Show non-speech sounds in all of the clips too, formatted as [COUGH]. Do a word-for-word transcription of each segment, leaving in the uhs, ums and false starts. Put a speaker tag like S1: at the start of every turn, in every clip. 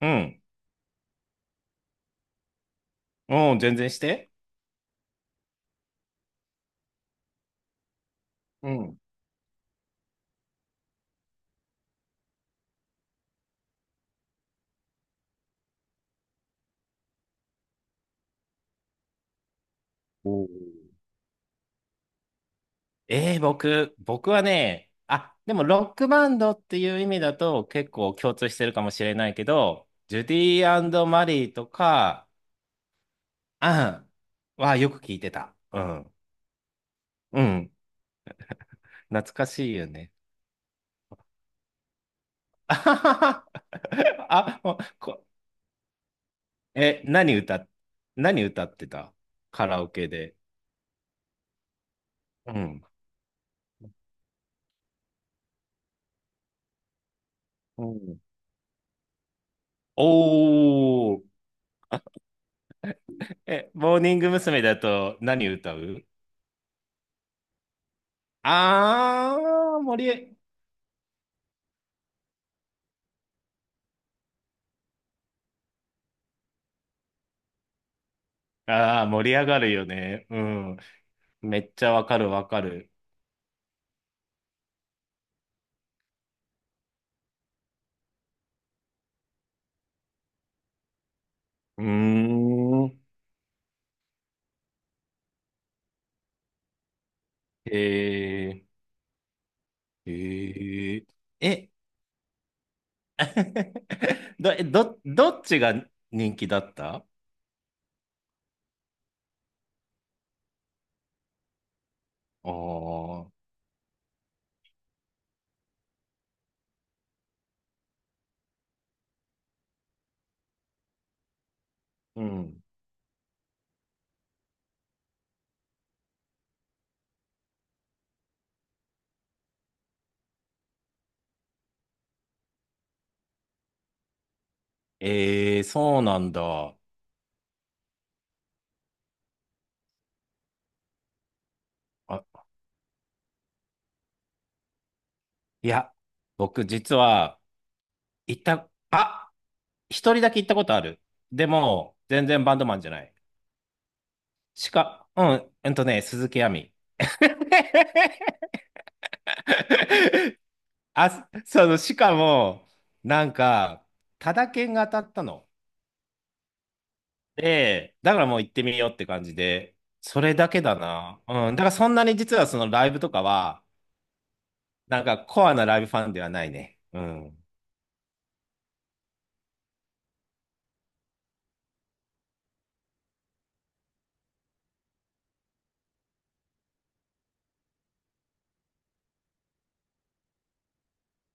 S1: うん。うん、全然して。うん。おーえー、僕、僕はね、あ、でもロックバンドっていう意味だと結構共通してるかもしれないけど、ジュディマリーとか、あんはよく聞いてた。うん。うん。懐かしいよね。あはははあもうこ、え、何歌、何歌ってた、カラオケで？うん。うんおー。え、モーニング娘。だと何歌う？あー、盛り、あー、盛り上がるよね。うん。めっちゃわかるわかる。うーん。えー、えー、え、[LAUGHS] ど、えど、どっちが人気だった？ああー、うん。えー、そうなんだ。あ、いや、僕実は、行った、あ、一人だけ行ったことある。でも、全然バンドマンじゃない。しか、うん、えっとね、鈴木亜美。あ、その、しかも、なんか、タダ券が当たったの。で、だからもう行ってみようって感じで、それだけだな。うん。だからそんなに実はそのライブとかは、なんかコアなライブファンではないね。うん。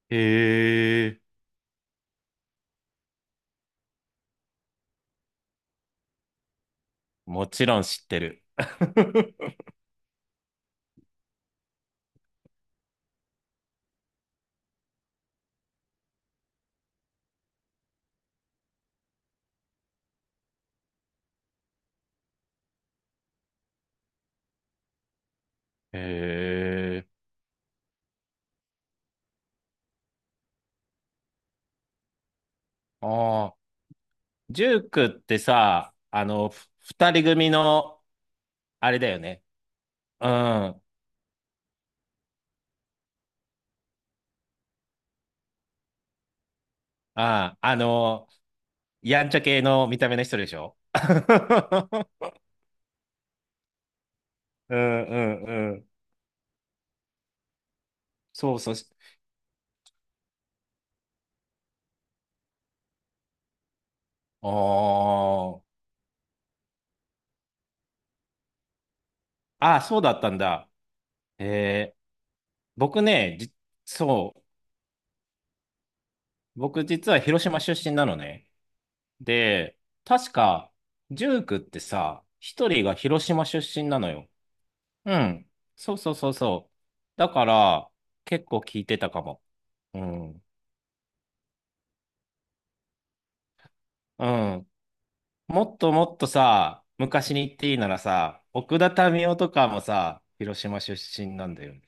S1: へえ、もちろん知ってる。[LAUGHS] へえ、ああ、ジュークってさ、あの、ふ二人組の、あれだよね。うん。ああ、あの、やんちゃ系の見た目の人でしょ？ [LAUGHS] うんうんうん。そうそう。ああ。あ、そうだったんだ。えー、僕ね、じ、そう。僕実は広島出身なのね。で、確か、ジュー区ってさ、一人が広島出身なのよ。うん。そうそうそうそう。だから、結構聞いてたかも。うん。うん。もっともっとさ、昔に言っていいならさ、奥田民生とかもさ、広島出身なんだよね。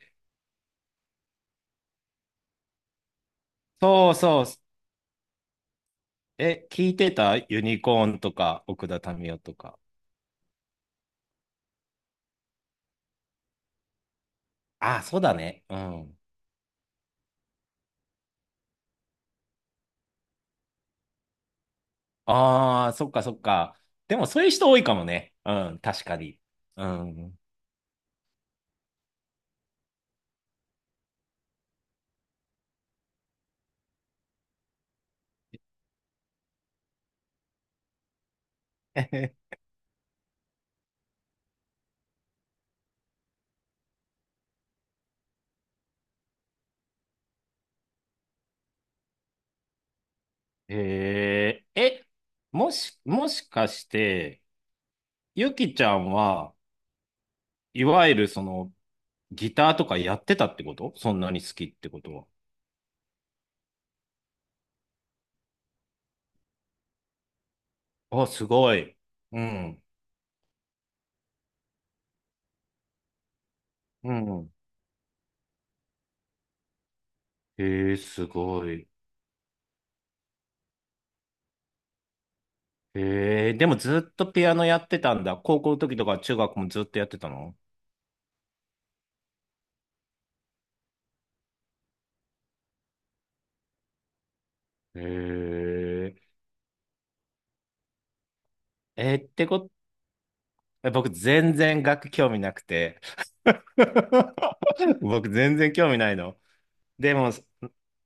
S1: そうそうえ、聞いてたユニコーンとか、奥田民生とか。ああ、そうだね。うん。ああ、そっかそっか。でもそういう人多いかもね。うん、確かに。うん。[LAUGHS] えー、え、もし、もしかして、ゆきちゃんは、いわゆるその、ギターとかやってたってこと、そんなに好きってことは？あ、すごい。うん。うん。えー、すごい。ええ、でもずっとピアノやってたんだ。高校の時とか中学もずっとやってたの？ええ、えーってこと、え僕全然楽器興味なくて。[LAUGHS] 僕全然興味ないの。でも、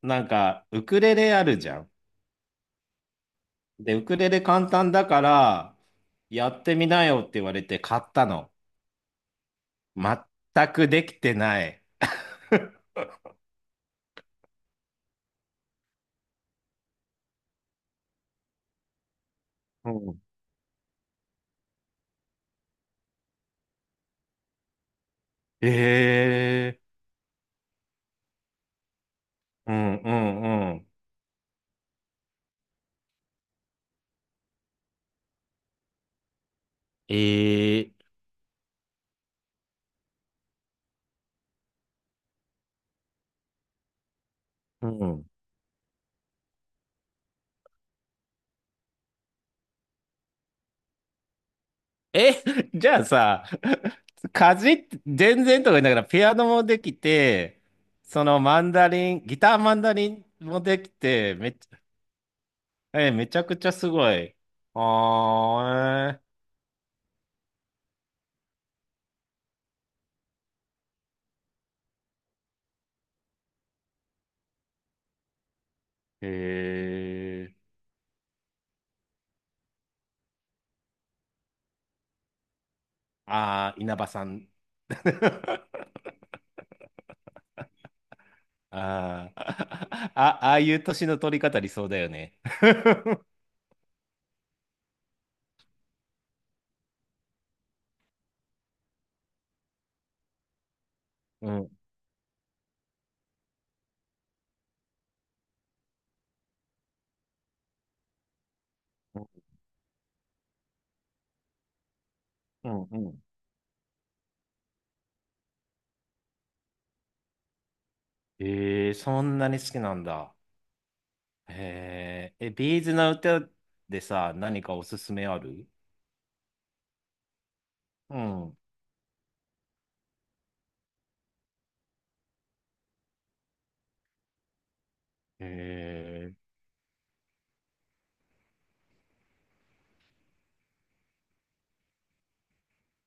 S1: なんか、ウクレレあるじゃん。で、ウクレレ簡単だから、やってみなよって言われて買ったの。全くできてない。うん。ええ、うんうんうん。ええ、うん。え、[LAUGHS] じゃあさ、かじって、全然とか言いながら、ピアノもできて、そのマンダリン、ギターマンダリンもできて、めっちゃ、え、めちゃくちゃすごい。あー、えー、へあー、稲葉さん。[LAUGHS] あー、[LAUGHS] あ、ああいう年の取り方理想だよね。[LAUGHS] うん、うん、うん。えー、そんなに好きなんだ。へえ、え、ビーズの歌でさ、何かおすすめある？うん。へえ、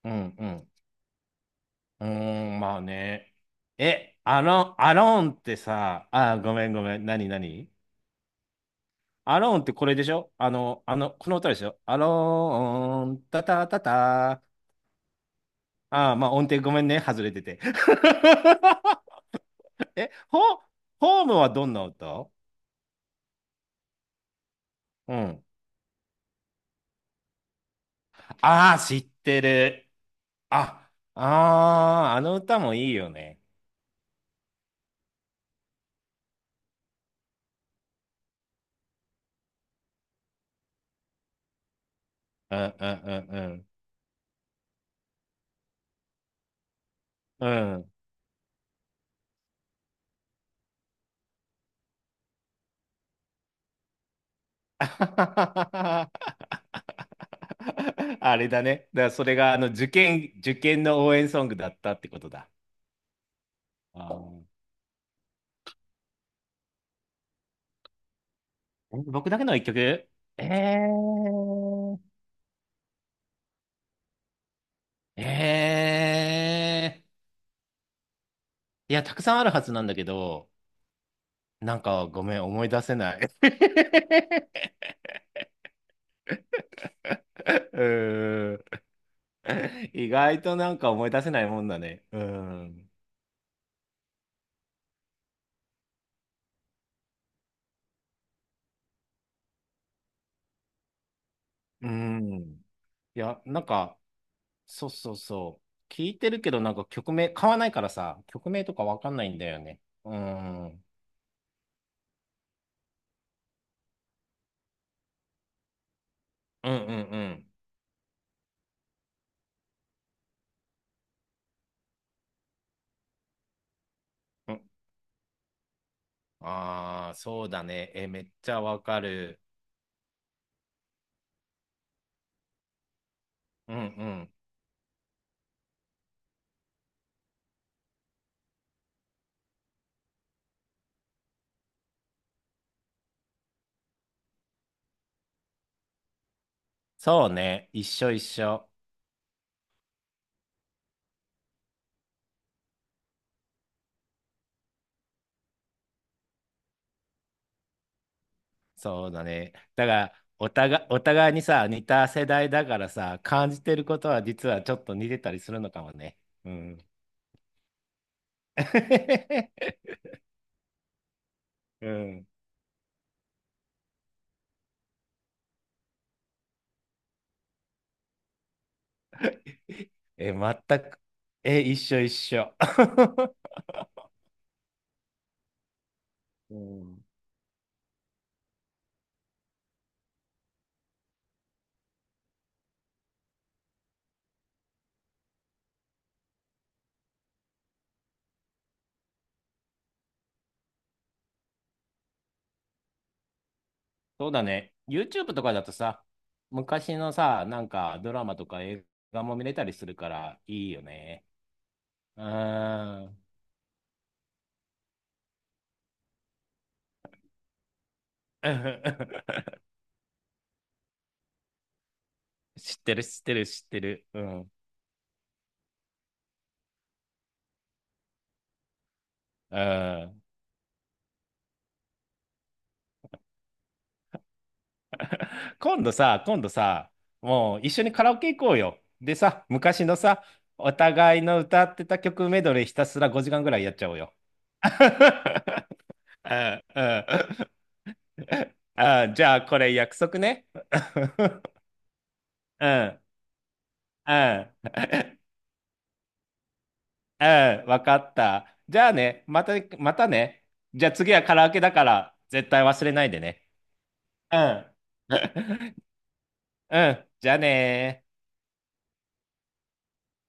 S1: うんうん。うーん、まあね。え、アロン、アロンってさ、あ、ごめんごめん。何何アローンってこれでしょ、あの、あの、この歌でしょ？アローン、タタタタ。ああ、まあ音程ごめんね。外れてて。[LAUGHS] え、ホ、ホームはどんな歌？うん。ああ、知ってる。あ、ああ、あの歌もいいよね。うんうんうんうん。うん。[LAUGHS] あれだね。だからそれがあの受験、受験の応援ソングだったってことだ。あーえ僕だけの一曲？えー、えー、いや、たくさんあるはずなんだけど、なんかごめん、思い出せない。[LAUGHS] うーん。意外となんか思い出せないもんだね。うん。うん。いや、なんか、そうそうそう。聞いてるけど、なんか曲名、買わないからさ、曲名とかわかんないんだよね。うん。うんうんうん。うんああ、そうだね。え、めっちゃわかる。うんうん。そうね。一緒一緒。そうだね。だから、お互い、お互いにさ、似た世代だからさ、感じてることは実はちょっと似てたりするのかもね。うん。[LAUGHS] うん。え、全く。え、一緒一緒。[LAUGHS] うんそうだね。YouTube とかだとさ、昔のさ、なんかドラマとか映画も見れたりするからいいよね。うーん。[LAUGHS] 知ってる、知ってる、知ってる。うん。うん。[LAUGHS] 今度さ、今度さ、もう一緒にカラオケ行こうよ。でさ、昔のさ、お互いの歌ってた曲メドレーひたすらごじかんぐらいやっちゃおうよ。[LAUGHS] うんうんあ、じゃあこれ約束ね。うん、うん。うん、わかった。じゃあね、また、またね。じゃあ次はカラオケだから、絶対忘れないでね。うん。[LAUGHS] うん、じゃあねー。